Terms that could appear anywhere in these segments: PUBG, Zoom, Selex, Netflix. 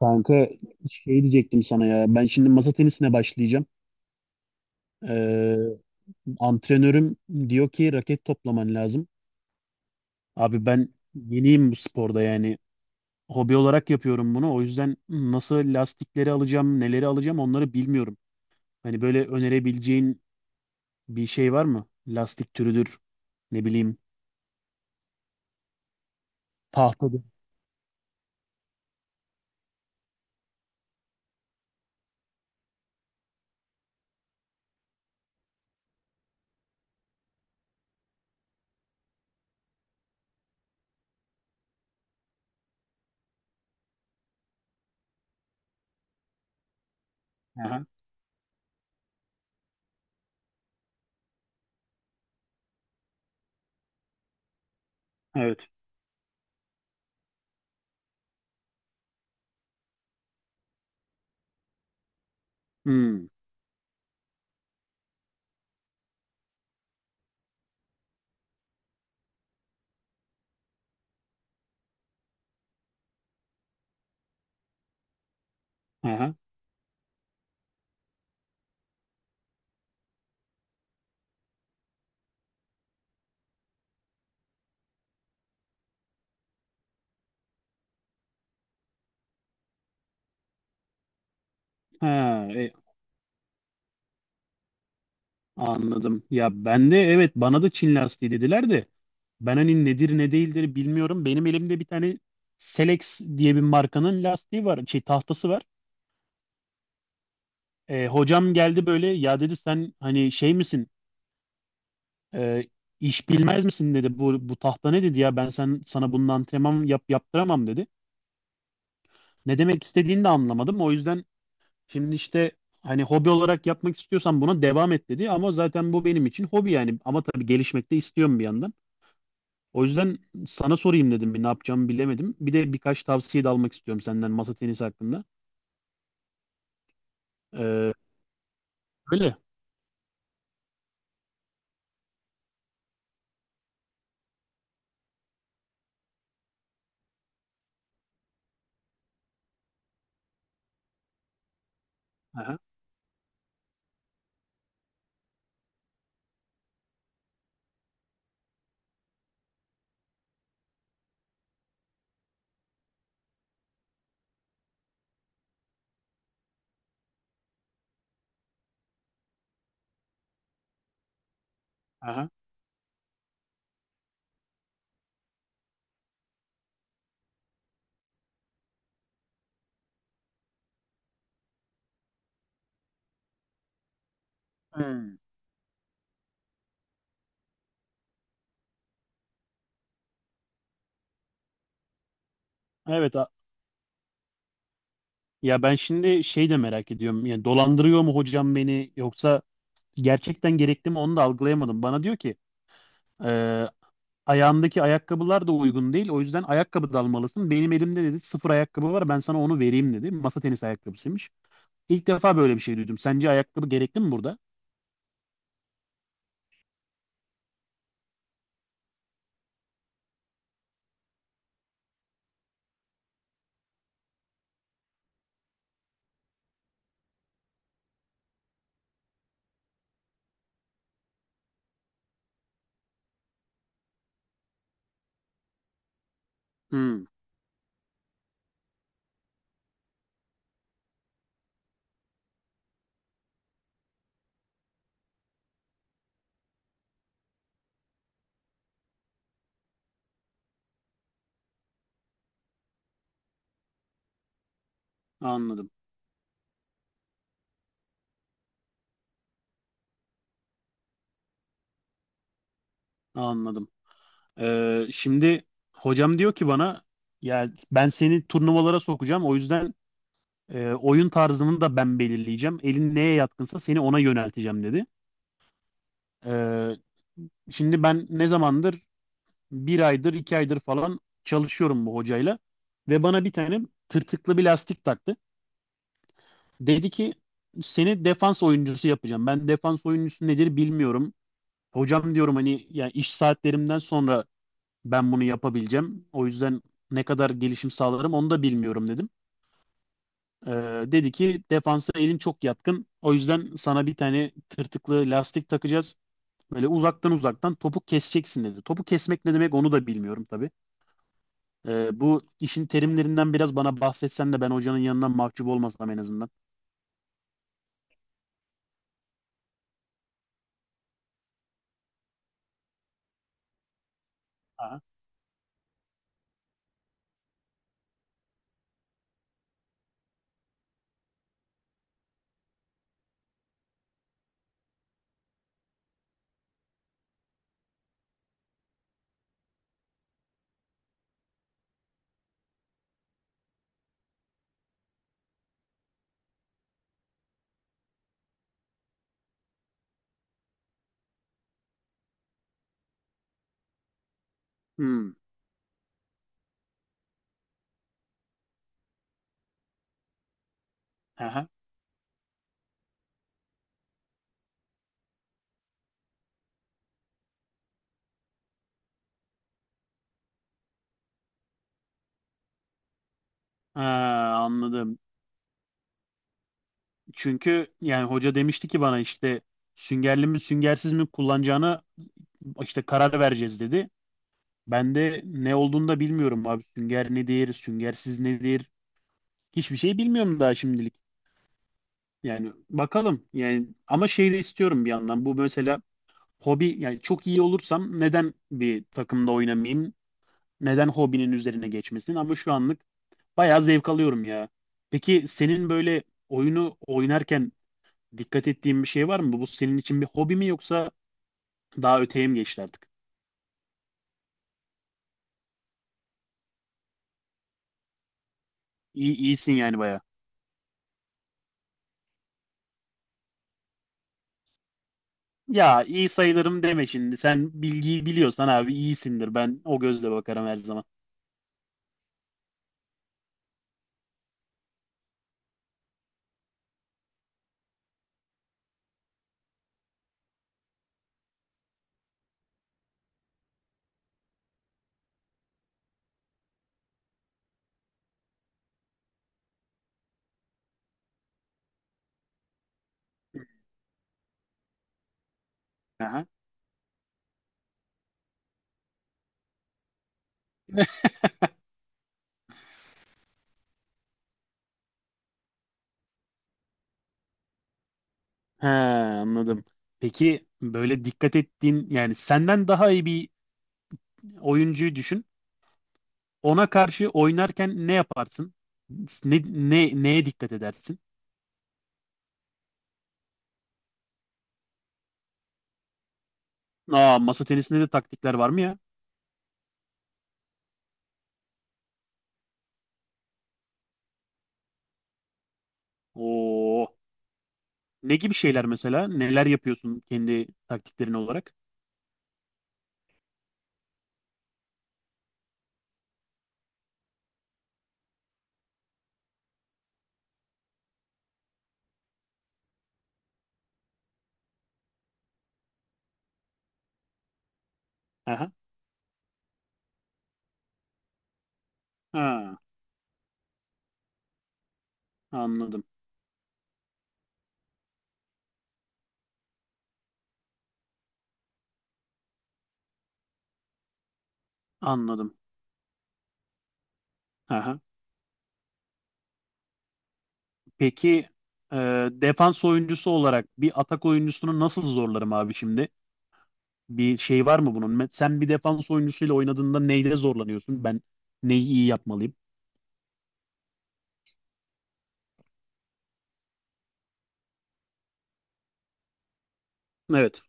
Kanka şey diyecektim sana ya. Ben şimdi masa tenisine başlayacağım. Ee, antrenörüm diyor ki raket toplaman lazım. Abi ben yeniyim bu sporda yani. Hobi olarak yapıyorum bunu. O yüzden nasıl lastikleri alacağım, neleri alacağım onları bilmiyorum. Hani böyle önerebileceğin bir şey var mı? Lastik türüdür, ne bileyim, tahtadır. Aha, evet. Hmm, aha. Ha, e, anladım. Ya ben de evet bana da Çin lastiği dediler de. Ben hani nedir ne değildir bilmiyorum. Benim elimde bir tane Selex diye bir markanın lastiği var, şey tahtası var. E, hocam geldi böyle ya dedi sen hani şey misin? E, iş bilmez misin dedi. Bu tahta ne dedi ya ben sen sana bunun antrenman yaptıramam dedi. Ne demek istediğini de anlamadım. O yüzden şimdi işte hani hobi olarak yapmak istiyorsan buna devam et dedi. Ama zaten bu benim için hobi yani. Ama tabii gelişmek de istiyorum bir yandan. O yüzden sana sorayım dedim bir ne yapacağımı bilemedim. Bir de birkaç tavsiye de almak istiyorum senden masa tenisi hakkında. Ee, öyle. Aha, aha. Hmm. Evet ya ben şimdi şey de merak ediyorum. Yani dolandırıyor mu hocam beni yoksa gerçekten gerekli mi onu da algılayamadım. Bana diyor ki e, ayağındaki ayakkabılar da uygun değil. O yüzden ayakkabı da almalısın. Benim elimde dedi sıfır ayakkabı var ben sana onu vereyim dedi. Masa tenisi ayakkabısıymış. İlk defa böyle bir şey duydum. Sence ayakkabı gerekli mi burada? Hmm, anladım anladım. Şimdi hocam diyor ki bana ya ben seni turnuvalara sokacağım. O yüzden oyun tarzını da ben belirleyeceğim. Elin neye yatkınsa seni ona yönelteceğim dedi. Ee, şimdi ben ne zamandır bir aydır iki aydır falan çalışıyorum bu hocayla ve bana bir tane tırtıklı bir lastik taktı. Dedi ki seni defans oyuncusu yapacağım. Ben defans oyuncusu nedir bilmiyorum. Hocam diyorum hani ya iş saatlerimden sonra ben bunu yapabileceğim. O yüzden ne kadar gelişim sağlarım onu da bilmiyorum dedim. Ee, dedi ki defansa elim çok yatkın. O yüzden sana bir tane tırtıklı lastik takacağız. Böyle uzaktan topu keseceksin dedi. Topu kesmek ne demek onu da bilmiyorum tabii. Bu işin terimlerinden biraz bana bahsetsen de ben hocanın yanından mahcup olmasam en azından. Aha. Hmm. Aha. Ha, anladım. Çünkü yani hoca demişti ki bana işte süngerli mi süngersiz mi kullanacağını işte karar vereceğiz dedi. Ben de ne olduğunu da bilmiyorum abi. Sünger ne nedir, süngersiz nedir? Hiçbir şey bilmiyorum daha şimdilik. Yani bakalım. Yani ama şey de istiyorum bir yandan. Bu mesela hobi yani çok iyi olursam neden bir takımda oynamayayım? Neden hobinin üzerine geçmesin? Ama şu anlık bayağı zevk alıyorum ya. Peki senin böyle oyunu oynarken dikkat ettiğin bir şey var mı? Bu senin için bir hobi mi yoksa daha öteye mi geçti artık? İyi, iyisin yani bayağı. Ya iyi sayılırım deme şimdi. Sen bilgiyi biliyorsan abi iyisindir. Ben o gözle bakarım her zaman. Aha. He anladım. Peki böyle dikkat ettiğin yani senden daha iyi bir oyuncuyu düşün. Ona karşı oynarken ne yaparsın? Neye dikkat edersin? Aa masa tenisinde de taktikler var mı ya? Oo. Ne gibi şeyler mesela? Neler yapıyorsun kendi taktiklerin olarak? Aha. Ha, anladım. Anladım. Peki e, defans oyuncusu olarak bir atak oyuncusunu nasıl zorlarım abi şimdi? Bir şey var mı bunun? Me- Sen bir defans oyuncusuyla oynadığında neyle zorlanıyorsun? Ben neyi iyi yapmalıyım? Evet.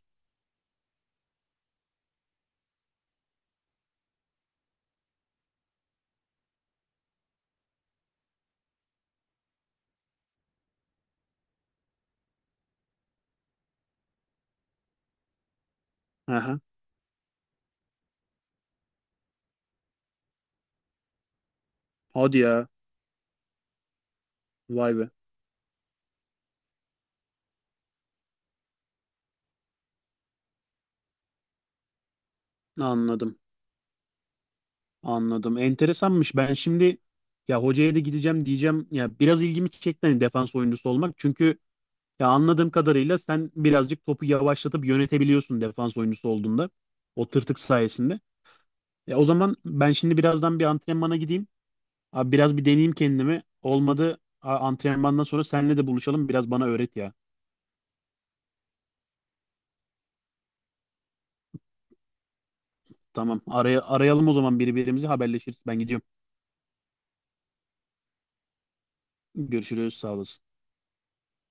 Aha. Hadi ya. Vay be. Anladım. Anladım. Enteresanmış. Ben şimdi ya hocaya da gideceğim diyeceğim. Ya biraz ilgimi çekti hani defans oyuncusu olmak. Çünkü ya anladığım kadarıyla sen birazcık topu yavaşlatıp yönetebiliyorsun defans oyuncusu olduğunda. O tırtık sayesinde. Ya o zaman ben şimdi birazdan bir antrenmana gideyim. Abi biraz bir deneyeyim kendimi. Olmadı antrenmandan sonra seninle de buluşalım. Biraz bana öğret ya. Tamam. Arayalım o zaman birbirimizi haberleşiriz. Ben gidiyorum. Görüşürüz. Sağ olasın.